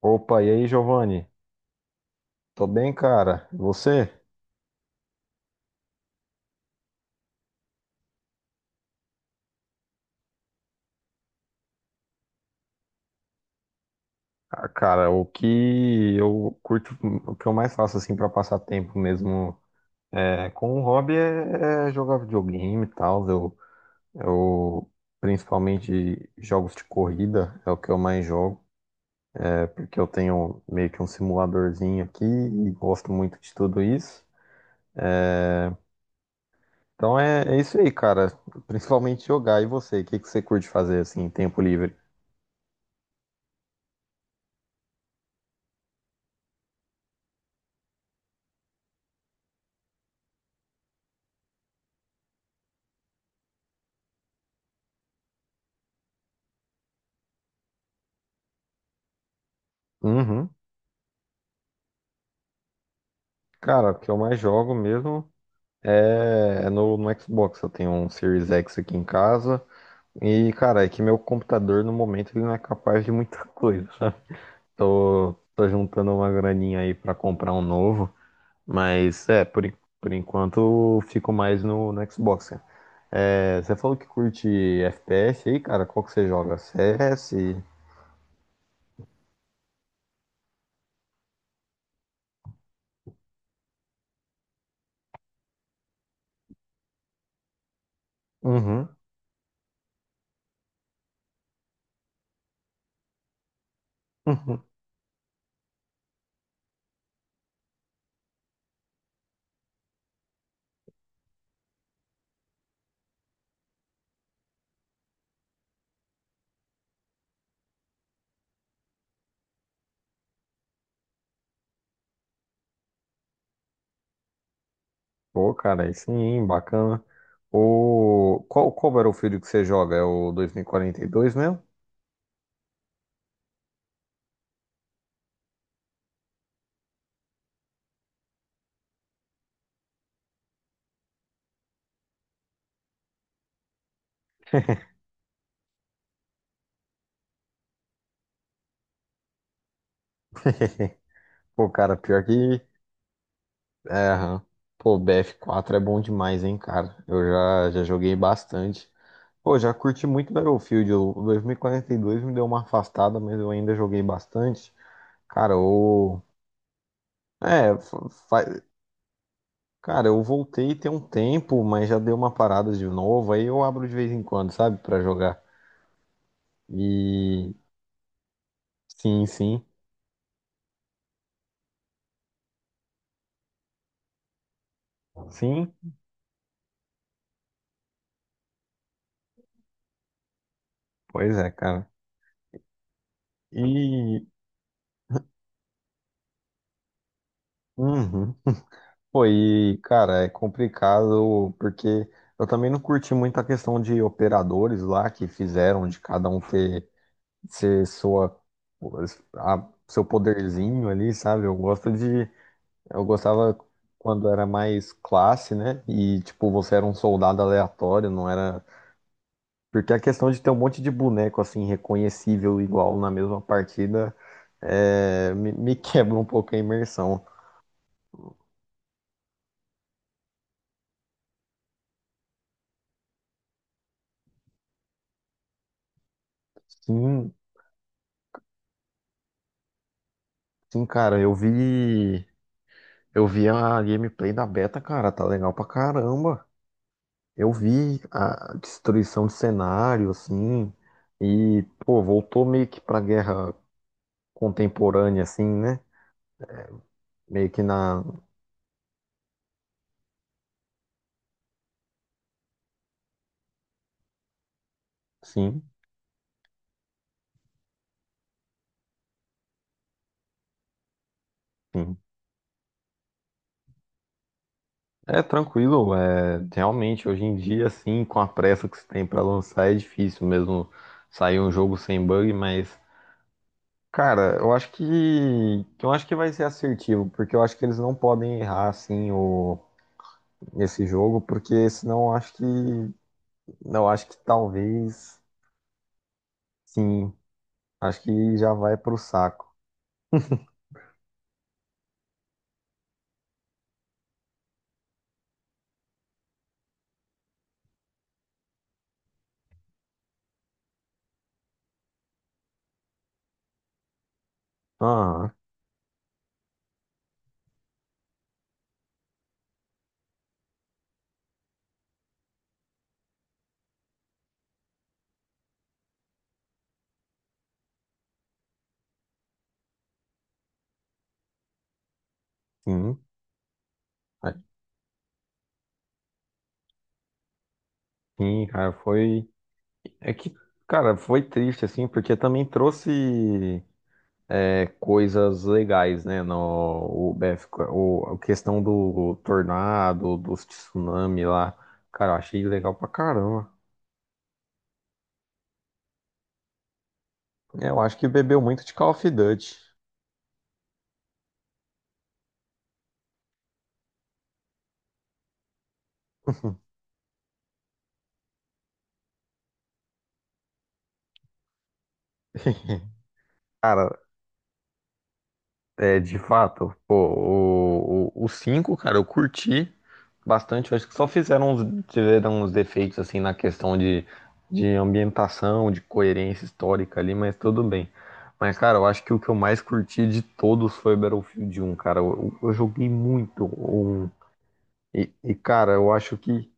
Opa, e aí, Giovanni? Tô bem, cara. E você? Ah, cara, o que eu curto, o que eu mais faço assim pra passar tempo mesmo é, com o hobby é jogar videogame e tal. Eu principalmente jogos de corrida é o que eu mais jogo, é porque eu tenho meio que um simuladorzinho aqui e gosto muito de tudo isso. Então é isso aí, cara. Principalmente jogar. E você? O que que você curte fazer assim, em tempo livre? Uhum. Cara, o que eu mais jogo mesmo. É, é no Xbox, eu tenho um Series X aqui em casa. E, cara, é que meu computador no momento ele não é capaz de muita coisa, sabe? Tô juntando uma graninha aí pra comprar um novo, mas é, por, por enquanto eu fico mais no Xbox, cara. É, você falou que curte FPS aí, cara, qual que você joga? CS? Uhum. Uhum. Pô, cara, aí sim, bacana. O... Qual, qual Battlefield que você joga? É o dois, mil e quarenta e dois mesmo? Pô, cara, pior que. É, aham. Pô, bf quatro é bom demais, hein, cara. Eu já joguei bastante. Pô, já curti muito Battlefield. O 2042 me deu uma afastada, mas eu ainda joguei bastante. Cara, o. É, cara, eu voltei tem um tempo, mas já deu uma parada de novo. Aí eu abro de vez em quando, sabe, pra jogar. E. Sim, sim. Sim, pois é, cara. E. Uhum. Pô, e, cara, é complicado porque eu também não curti muito a questão de operadores lá que fizeram de cada um ter, ser sua, seu poderzinho ali, sabe? Eu gosto de, eu gostava quando era mais classe, né? E, tipo, você era um soldado aleatório, não era. Porque a questão de ter um monte de boneco, assim, reconhecível igual na mesma partida, me quebra um pouco a imersão. Sim, sim, cara, eu vi. Eu vi a gameplay da beta, cara, tá legal pra caramba. Eu vi a destruição de cenário, assim, e, pô, voltou meio que pra guerra contemporânea, assim, né? Meio que na. Sim, sim. É tranquilo, é realmente hoje em dia, assim, com a pressa que se tem pra lançar, é difícil mesmo sair um jogo sem bug, mas, cara, eu acho que. Eu acho que vai ser assertivo, porque eu acho que eles não podem errar, assim, o nesse jogo, porque senão acho que não acho que talvez sim, acho que já vai pro saco. Ah, sim. Sim, cara, foi é que cara, foi triste assim, porque também trouxe coisas legais, né, no o BF, o a questão do tornado, dos tsunami lá. Cara, eu achei legal pra caramba. Eu acho que bebeu muito de Call of Duty. Cara, é, de fato, pô, o 5, cara, eu curti bastante. Eu acho que só fizeram uns, tiveram uns defeitos, assim, na questão de ambientação, de coerência histórica ali, mas tudo bem. Mas, cara, eu acho que o que eu mais curti de todos foi Battlefield um cara. Eu joguei muito o 1. E, cara, eu acho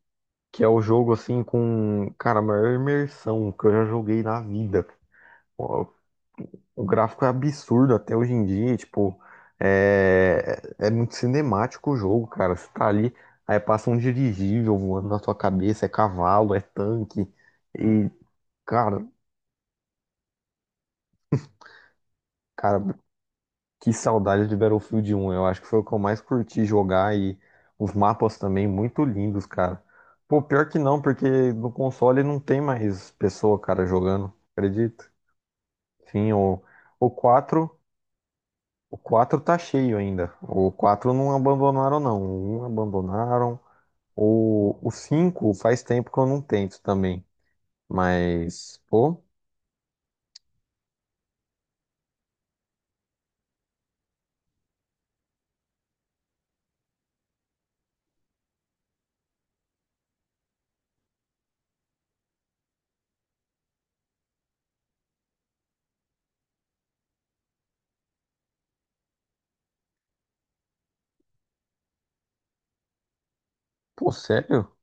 que é o jogo, assim, com, cara, a maior imersão que eu já joguei na vida. O gráfico é absurdo até hoje em dia, e, tipo, é muito cinemático o jogo, cara. Você tá ali, aí passa um dirigível voando na sua cabeça, é cavalo, é tanque. E, cara, cara, que saudade de Battlefield 1. Eu acho que foi o que eu mais curti jogar e os mapas também muito lindos, cara. Pô, pior que não, porque no console não tem mais pessoa, cara, jogando, acredito. Sim, o quatro. O 4 tá cheio ainda. O 4 não abandonaram, não. O 1 abandonaram. O 5 faz tempo que eu não tento também. Mas, pô, pô, sério?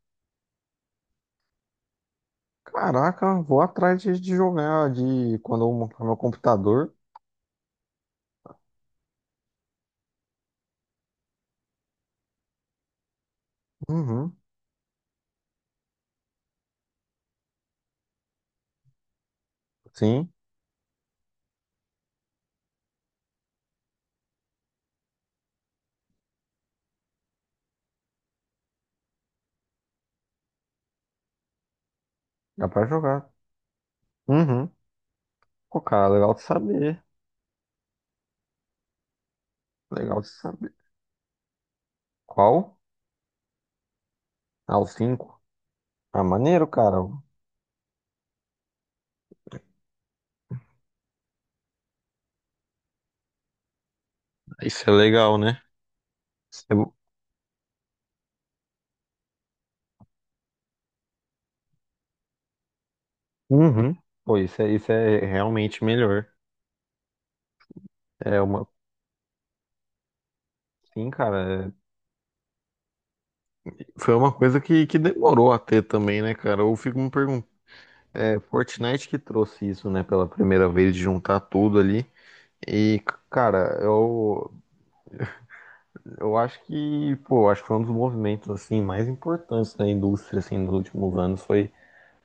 Caraca, vou atrás de jogar de quando eu montar meu computador. Uhum, sim, dá pra jogar. Uhum. Pô, cara, legal de saber. Legal de saber. Qual? Ah, o 5. Ah, maneiro, cara. Isso é legal, né? Isso é- Uhum. Pô, isso é realmente melhor. É uma, sim, cara, é- foi uma coisa que demorou a ter também, né, cara? Eu fico me perguntando, é Fortnite que trouxe isso, né, pela primeira vez, de juntar tudo ali. E, cara, eu acho que, pô, acho que foi um dos movimentos, assim, mais importantes da indústria, assim, nos últimos anos,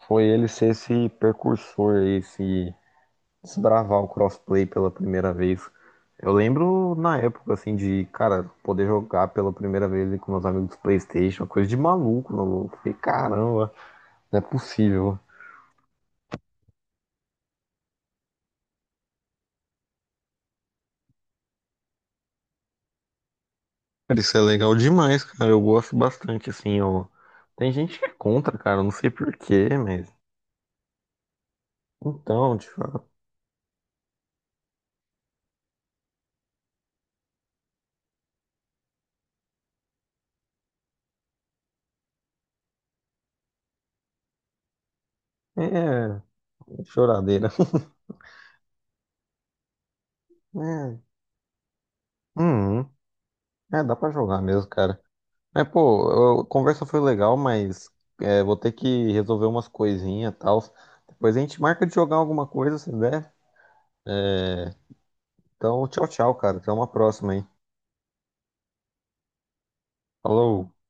foi ele ser esse precursor, esse desbravar o crossplay pela primeira vez. Eu lembro na época, assim, de, cara, poder jogar pela primeira vez ali com meus amigos do PlayStation, uma coisa de maluco, maluco. Fiquei, caramba, não é possível. Cara, isso é legal demais, cara. Eu gosto bastante, assim, eu... Tem gente que é contra, cara, eu não sei porquê, mas. Então, tipo, é. Choradeira. É. Uhum. É, dá pra jogar mesmo, cara. É, pô, a conversa foi legal, mas é, vou ter que resolver umas coisinhas e tal. Depois a gente marca de jogar alguma coisa, se der. Então, tchau, cara. Até uma próxima aí. Falou.